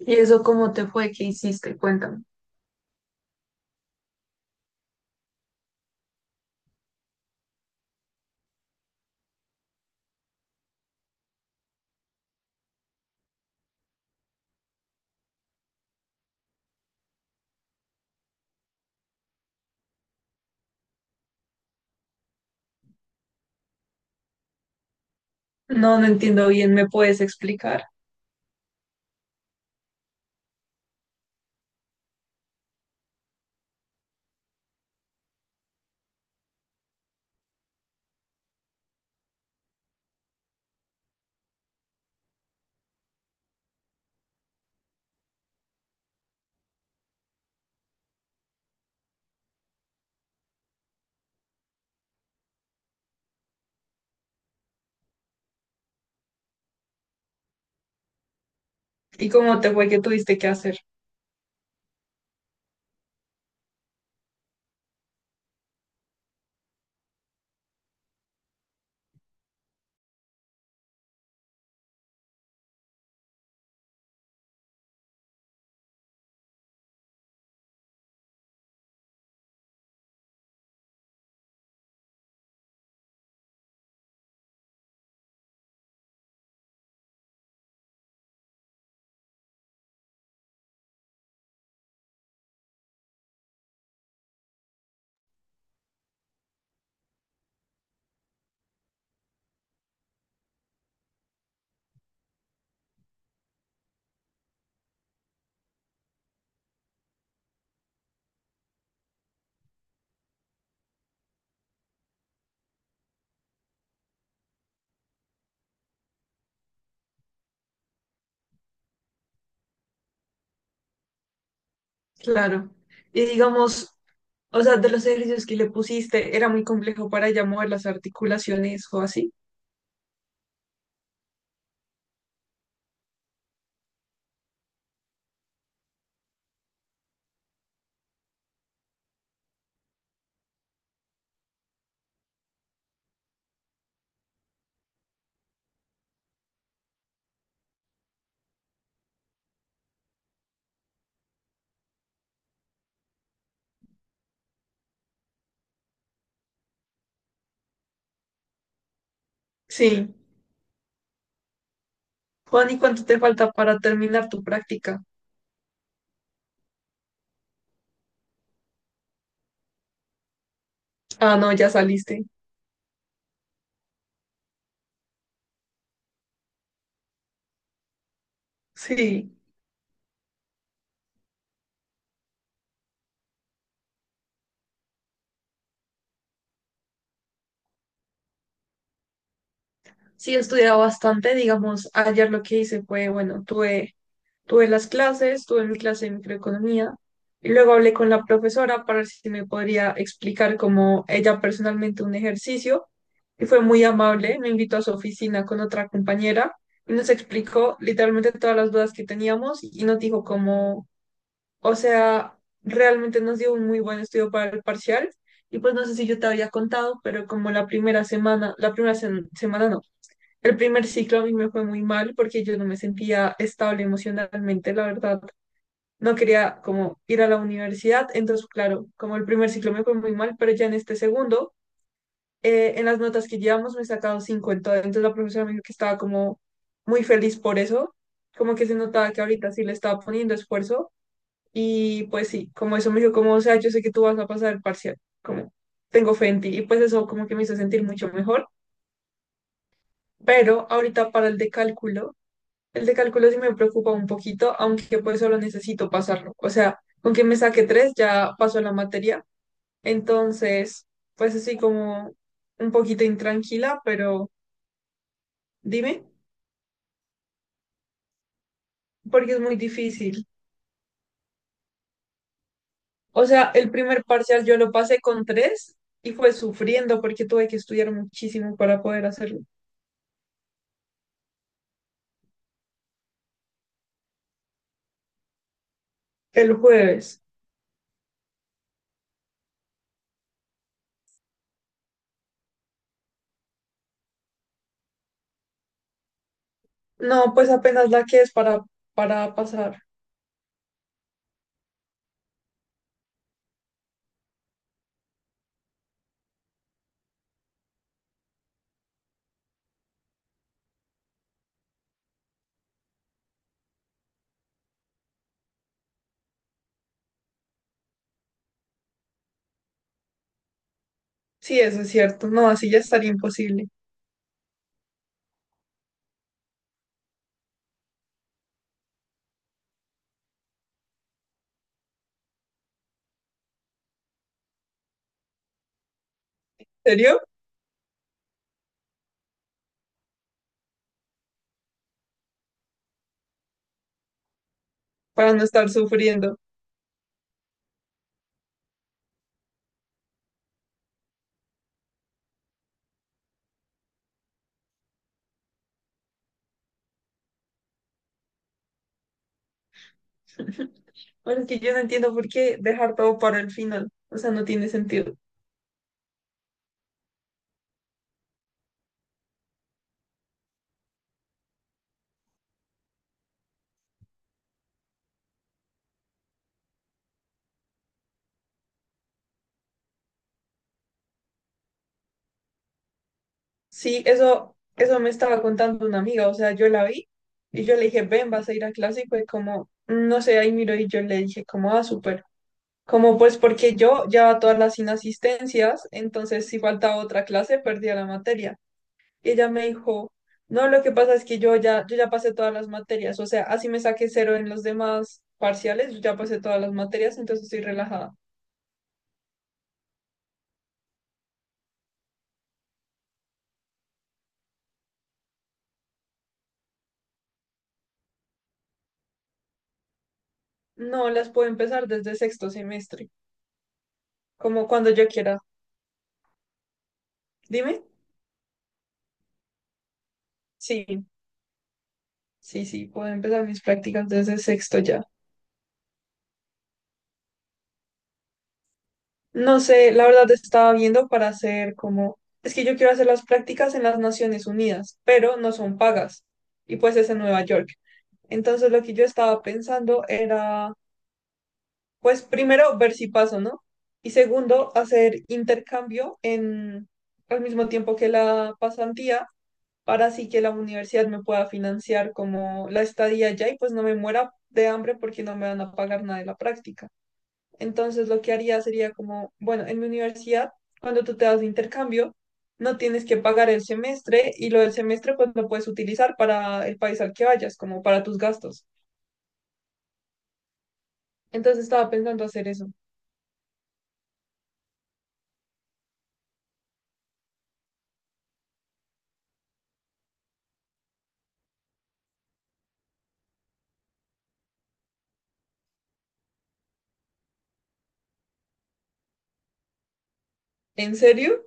¿Y eso cómo te fue? ¿Qué hiciste? Cuéntame. No, no entiendo bien, ¿me puedes explicar? ¿Y cómo te fue que tuviste que hacer? Claro. Y digamos, o sea, de los ejercicios que le pusiste, ¿era muy complejo para ya mover las articulaciones o así? Sí. Juan, ¿y cuánto te falta para terminar tu práctica? Ah, no, ya saliste. Sí. Sí, he estudiado bastante, digamos, ayer lo que hice fue, bueno, tuve. Tuve las clases, tuve mi clase de microeconomía y luego hablé con la profesora para ver si me podría explicar como ella personalmente un ejercicio y fue muy amable, me invitó a su oficina con otra compañera y nos explicó literalmente todas las dudas que teníamos y nos dijo como, o sea, realmente nos dio un muy buen estudio para el parcial y pues no sé si yo te había contado, pero como la primera semana, semana no, el primer ciclo a mí me fue muy mal porque yo no me sentía estable emocionalmente, la verdad. No quería como ir a la universidad, entonces claro, como el primer ciclo me fue muy mal, pero ya en este segundo, en las notas que llevamos me he sacado 5, en entonces la profesora me dijo que estaba como muy feliz por eso, como que se notaba que ahorita sí le estaba poniendo esfuerzo y pues sí, como eso me dijo como, o sea, yo sé que tú vas a pasar el parcial, como tengo fe en ti y pues eso como que me hizo sentir mucho mejor, pero ahorita para el de cálculo. El de cálculo sí me preocupa un poquito, aunque pues solo necesito pasarlo. O sea, con que me saque tres ya paso la materia. Entonces, pues así como un poquito intranquila, pero dime, porque es muy difícil. O sea, el primer parcial yo lo pasé con tres y fue sufriendo porque tuve que estudiar muchísimo para poder hacerlo. El jueves. No, pues apenas la que es para pasar. Sí, eso es cierto. No, así ya estaría imposible. ¿En serio? Para no estar sufriendo. Bueno, es que yo no entiendo por qué dejar todo para el final. O sea, no tiene sentido. Sí, eso me estaba contando una amiga. O sea, yo la vi y yo le dije, ven, vas a ir a clase. Y fue como, "Mm, no sé, ahí miro", y yo le dije, como, ah, súper. Como, pues, porque yo llevaba todas las inasistencias, entonces si faltaba otra clase, perdía la materia. Y ella me dijo, no, lo que pasa es que yo ya, yo ya pasé todas las materias. O sea, así me saqué cero en los demás parciales, yo ya pasé todas las materias, entonces estoy relajada. No, las puedo empezar desde sexto semestre, como cuando yo quiera. Dime. Sí, sí, sí, puedo empezar mis prácticas desde sexto ya. No sé, la verdad estaba viendo para hacer como... Es que yo quiero hacer las prácticas en las Naciones Unidas, pero no son pagas. Y pues es en Nueva York. Entonces lo que yo estaba pensando era, pues primero, ver si paso, ¿no? Y segundo, hacer intercambio en, al mismo tiempo que la pasantía, para así que la universidad me pueda financiar como la estadía allá y pues no me muera de hambre porque no me van a pagar nada de la práctica. Entonces lo que haría sería como, bueno, en mi universidad, cuando tú te das de intercambio, no tienes que pagar el semestre y lo del semestre pues lo puedes utilizar para el país al que vayas, como para tus gastos. Entonces estaba pensando hacer eso. ¿En serio?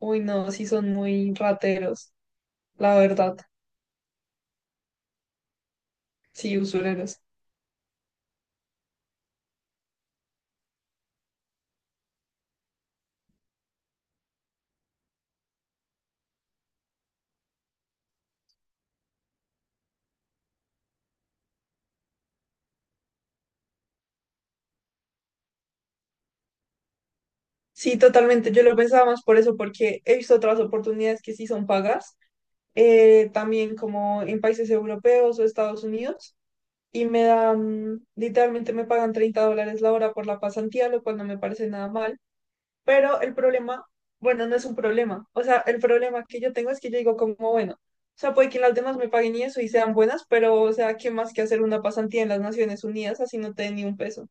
Uy, no, sí son muy rateros, la verdad. Sí, usureros. Sí, totalmente. Yo lo pensaba más por eso, porque he visto otras oportunidades que sí son pagas, también como en países europeos o Estados Unidos, y me dan, literalmente me pagan $30 la hora por la pasantía, lo cual no me parece nada mal. Pero el problema, bueno, no es un problema. O sea, el problema que yo tengo es que yo digo como, bueno, o sea, puede que las demás me paguen y eso y sean buenas, pero, o sea, ¿qué más que hacer una pasantía en las Naciones Unidas así no te den ni un peso?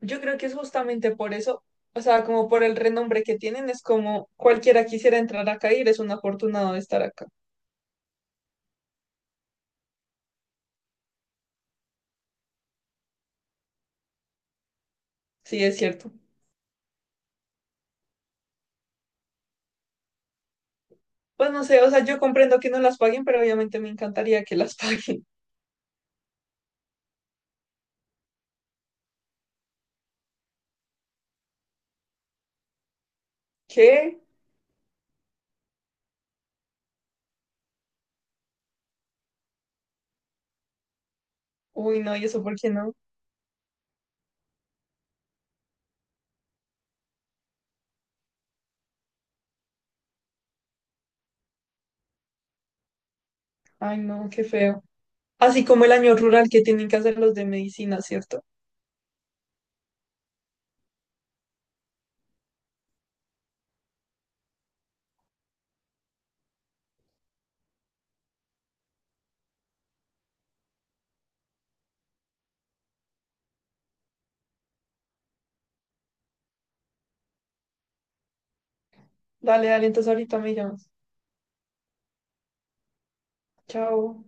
Yo creo que es justamente por eso, o sea, como por el renombre que tienen, es como cualquiera quisiera entrar acá y eres un afortunado de estar acá. Sí, es cierto. Pues no sé, o sea, yo comprendo que no las paguen, pero obviamente me encantaría que las paguen. ¿Qué? Uy, no, ¿y eso por qué no? Ay, no, qué feo. Así como el año rural que tienen que hacer los de medicina, ¿cierto? Dale, dale, entonces ahorita me llamas. Chao.